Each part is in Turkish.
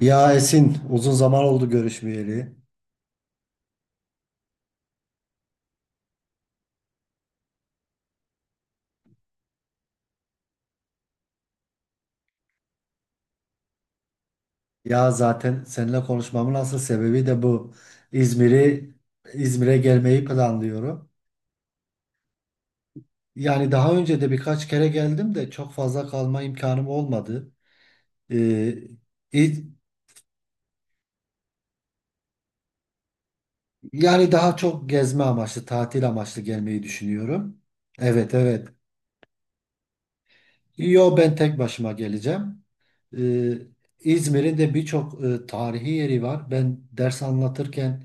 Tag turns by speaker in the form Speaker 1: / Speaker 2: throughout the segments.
Speaker 1: Ya Esin, uzun zaman oldu görüşmeyeli. Ya zaten seninle konuşmamın asıl sebebi de bu. İzmir'i İzmir'e gelmeyi planlıyorum. Yani daha önce de birkaç kere geldim de çok fazla kalma imkanım olmadı. Ee, İz- yani daha çok gezme amaçlı, tatil amaçlı gelmeyi düşünüyorum. Evet, evet. Yo ben tek başıma geleceğim. Ee, İzmir'in de birçok tarihi yeri var. Ben ders anlatırken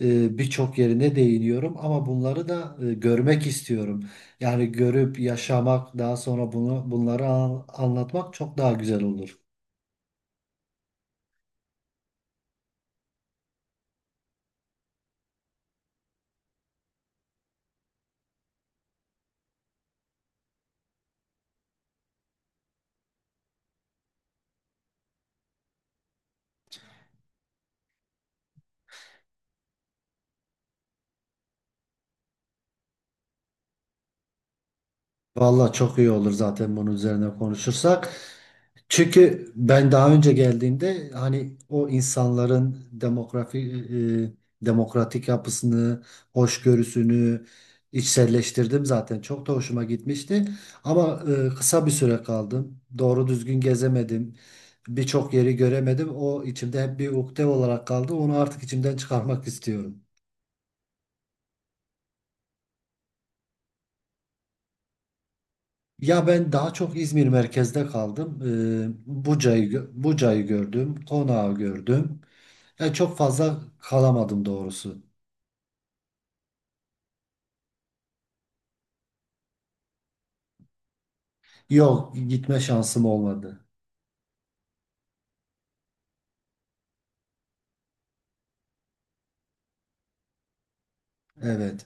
Speaker 1: birçok yerine değiniyorum ama bunları da görmek istiyorum. Yani görüp yaşamak, daha sonra anlatmak çok daha güzel olur. Vallahi çok iyi olur zaten bunun üzerine konuşursak. Çünkü ben daha önce geldiğimde hani o insanların demokratik yapısını, hoşgörüsünü içselleştirdim zaten. Çok da hoşuma gitmişti. Ama kısa bir süre kaldım. Doğru düzgün gezemedim. Birçok yeri göremedim. O içimde hep bir ukde olarak kaldı. Onu artık içimden çıkarmak istiyorum. Ya ben daha çok İzmir merkezde kaldım. Buca'yı gördüm, Konağı gördüm. Çok fazla kalamadım doğrusu. Yok, gitme şansım olmadı. Evet,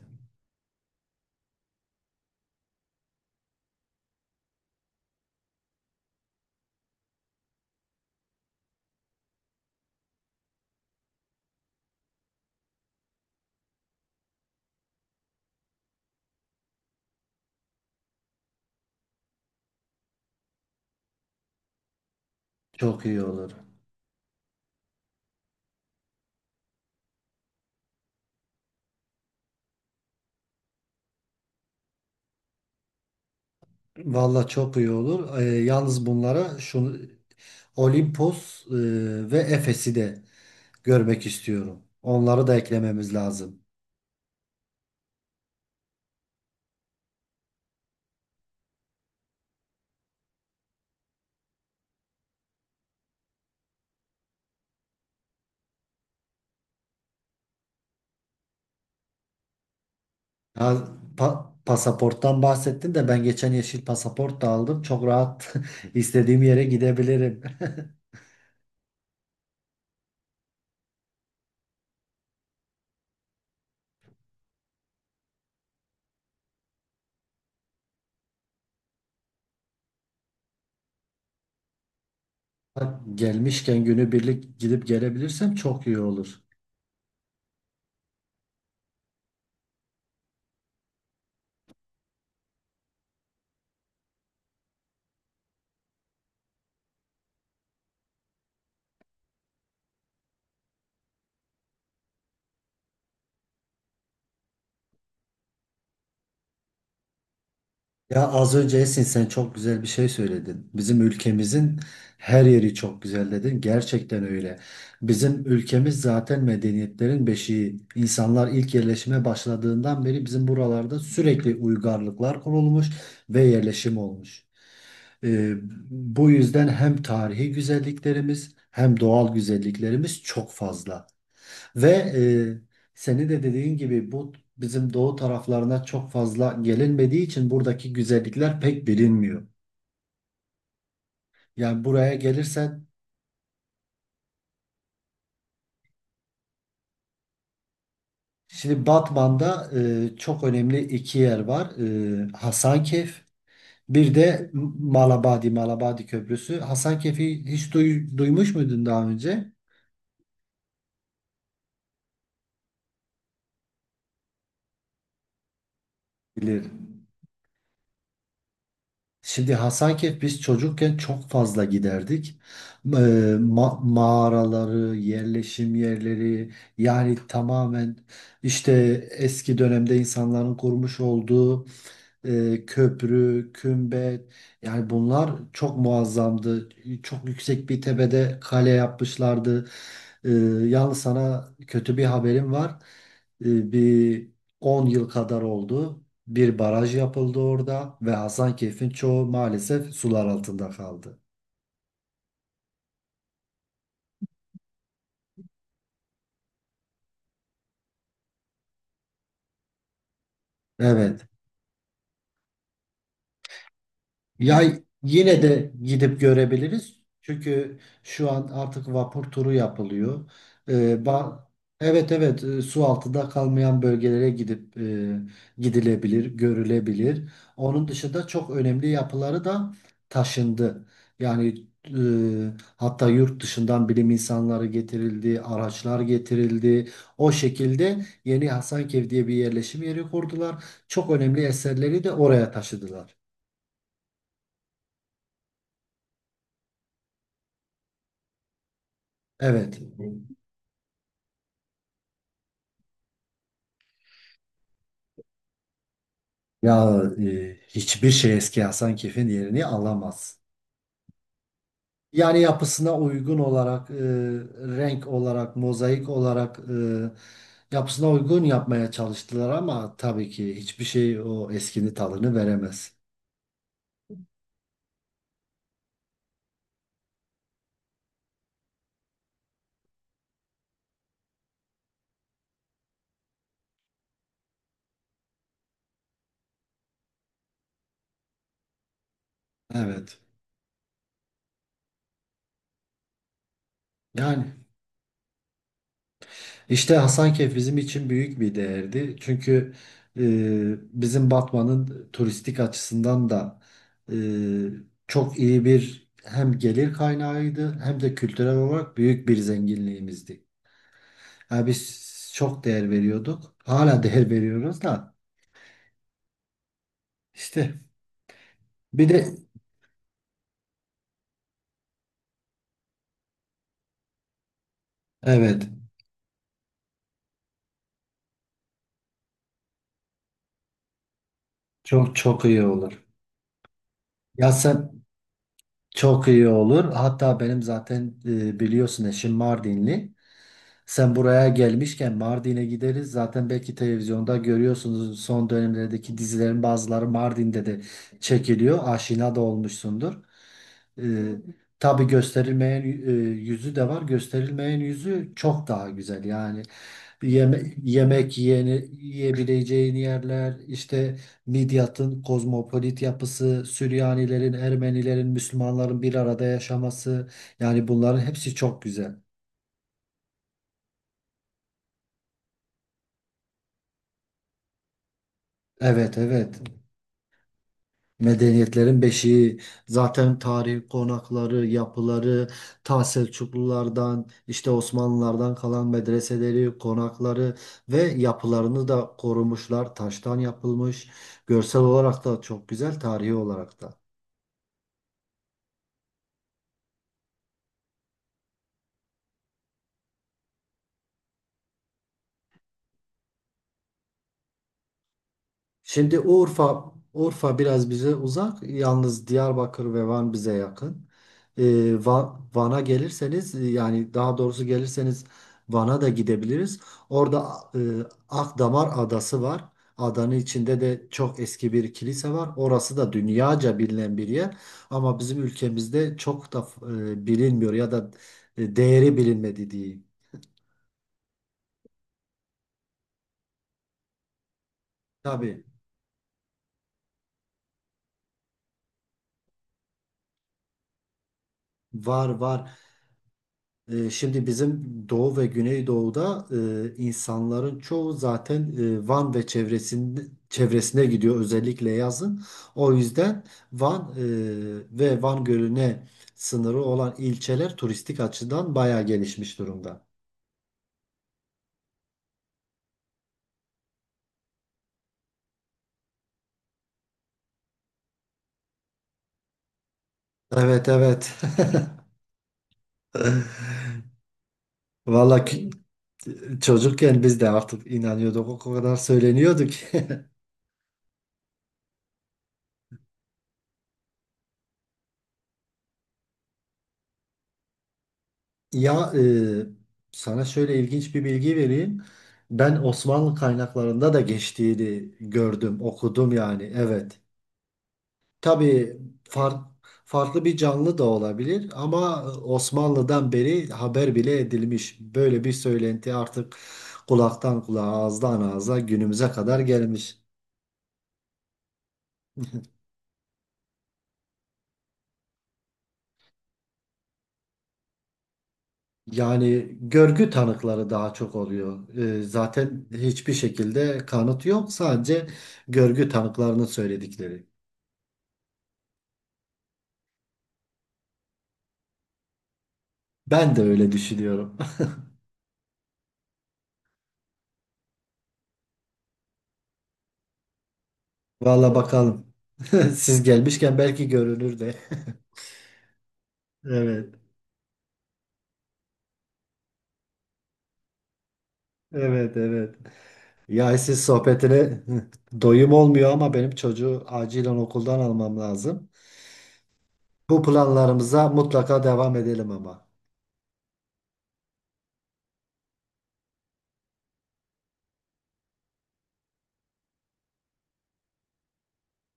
Speaker 1: çok iyi olur. Valla çok iyi olur. Yalnız bunlara şunu Olimpos ve Efes'i de görmek istiyorum. Onları da eklememiz lazım. Ha, Pasaporttan bahsettin de ben geçen yeşil pasaport da aldım. Çok rahat istediğim yere gidebilirim. Ha, gelmişken günübirlik gidip gelebilirsem çok iyi olur. Ya az önce Esin sen çok güzel bir şey söyledin. Bizim ülkemizin her yeri çok güzel dedin. Gerçekten öyle. Bizim ülkemiz zaten medeniyetlerin beşiği. İnsanlar ilk yerleşime başladığından beri bizim buralarda sürekli uygarlıklar kurulmuş ve yerleşim olmuş. Ee, Bu yüzden hem tarihi güzelliklerimiz hem doğal güzelliklerimiz çok fazla. Ve seni de dediğin gibi bizim doğu taraflarına çok fazla gelinmediği için buradaki güzellikler pek bilinmiyor. Yani buraya gelirsen şimdi Batman'da çok önemli iki yer var. E, Hasankeyf bir de Malabadi, Malabadi Köprüsü. Hasankeyf'i hiç duymuş muydun daha önce? Bilir. Şimdi Hasankeyf biz çocukken çok fazla giderdik. Mağaraları, yerleşim yerleri, yani tamamen işte eski dönemde insanların kurmuş olduğu köprü, kümbet, yani bunlar çok muazzamdı. Çok yüksek bir tepede kale yapmışlardı. E, yalnız sana kötü bir haberim var. Bir 10 yıl kadar oldu. Bir baraj yapıldı orada ve Hasankeyf'in çoğu maalesef sular altında kaldı. Evet. Ya yine de gidip görebiliriz. Çünkü şu an artık vapur turu yapılıyor. Ee, ba- evet, evet, su altında kalmayan bölgelere gidip gidilebilir, görülebilir. Onun dışında çok önemli yapıları da taşındı. Yani hatta yurt dışından bilim insanları getirildi, araçlar getirildi. O şekilde Yeni Hasankeyf diye bir yerleşim yeri kurdular. Çok önemli eserleri de oraya taşıdılar. Evet. Hiçbir şey eski Hasan Kef'in yerini alamaz. Yani yapısına uygun olarak, renk olarak, mozaik olarak, yapısına uygun yapmaya çalıştılar ama tabii ki hiçbir şey o eskinin tadını veremez. Evet. Yani, İşte Hasankeyf bizim için büyük bir değerdi. Çünkü bizim Batman'ın turistik açısından da e, çok iyi bir hem gelir kaynağıydı hem de kültürel olarak büyük bir zenginliğimizdi. Yani biz çok değer veriyorduk. Hala değer veriyoruz da. İşte bir de evet, çok çok iyi olur. Ya sen, çok iyi olur. Hatta benim zaten biliyorsun eşim Mardinli. Sen buraya gelmişken Mardin'e gideriz. Zaten belki televizyonda görüyorsunuz son dönemlerdeki dizilerin bazıları Mardin'de de çekiliyor. Aşina da olmuşsundur. Ee, tabii gösterilmeyen yüzü de var. Gösterilmeyen yüzü çok daha güzel. Yani yemek yiyeni, yiyebileceğin yerler, işte Midyat'ın kozmopolit yapısı, Süryanilerin, Ermenilerin, Müslümanların bir arada yaşaması. Yani bunların hepsi çok güzel. Evet, evet. Medeniyetlerin beşiği, zaten tarihi konakları, yapıları, ta Selçuklulardan, işte Osmanlılardan kalan medreseleri, konakları ve yapılarını da korumuşlar. Taştan yapılmış. Görsel olarak da çok güzel, tarihi olarak da. Şimdi Urfa biraz bize uzak. Yalnız Diyarbakır ve Van bize yakın. Ee, Van'a gelirseniz, yani daha doğrusu gelirseniz Van'a da gidebiliriz. Orada e, Akdamar Adası var. Adanın içinde de çok eski bir kilise var. Orası da dünyaca bilinen bir yer. Ama bizim ülkemizde çok da bilinmiyor ya da değeri bilinmedi diyeyim. Tabii, var var. E, şimdi bizim Doğu ve Güneydoğu'da insanların çoğu zaten Van ve çevresinde, çevresine gidiyor özellikle yazın. O yüzden Van ve Van Gölü'ne sınırı olan ilçeler turistik açıdan bayağı gelişmiş durumda. Evet, evet. Vallahi ki- Çocukken biz de artık inanıyorduk, o kadar söyleniyordu ki. Ya e, Sana şöyle ilginç bir bilgi vereyim. Ben Osmanlı kaynaklarında da geçtiğini gördüm, okudum yani. Evet. Tabii far- farklı bir canlı da olabilir ama Osmanlı'dan beri haber bile edilmiş. Böyle bir söylenti artık kulaktan kulağa, ağızdan ağza günümüze kadar gelmiş. Yani görgü tanıkları daha çok oluyor. E, zaten hiçbir şekilde kanıt yok, sadece görgü tanıklarının söyledikleri. Ben de öyle düşünüyorum. Valla bakalım. Siz gelmişken belki görünür de. Evet. Evet, evet. Ya siz, sohbetine doyum olmuyor ama benim çocuğu acilen okuldan almam lazım. Bu planlarımıza mutlaka devam edelim ama.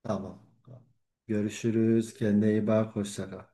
Speaker 1: Tamam. Tamam. Görüşürüz. Kendine iyi bak. Hoşça kal.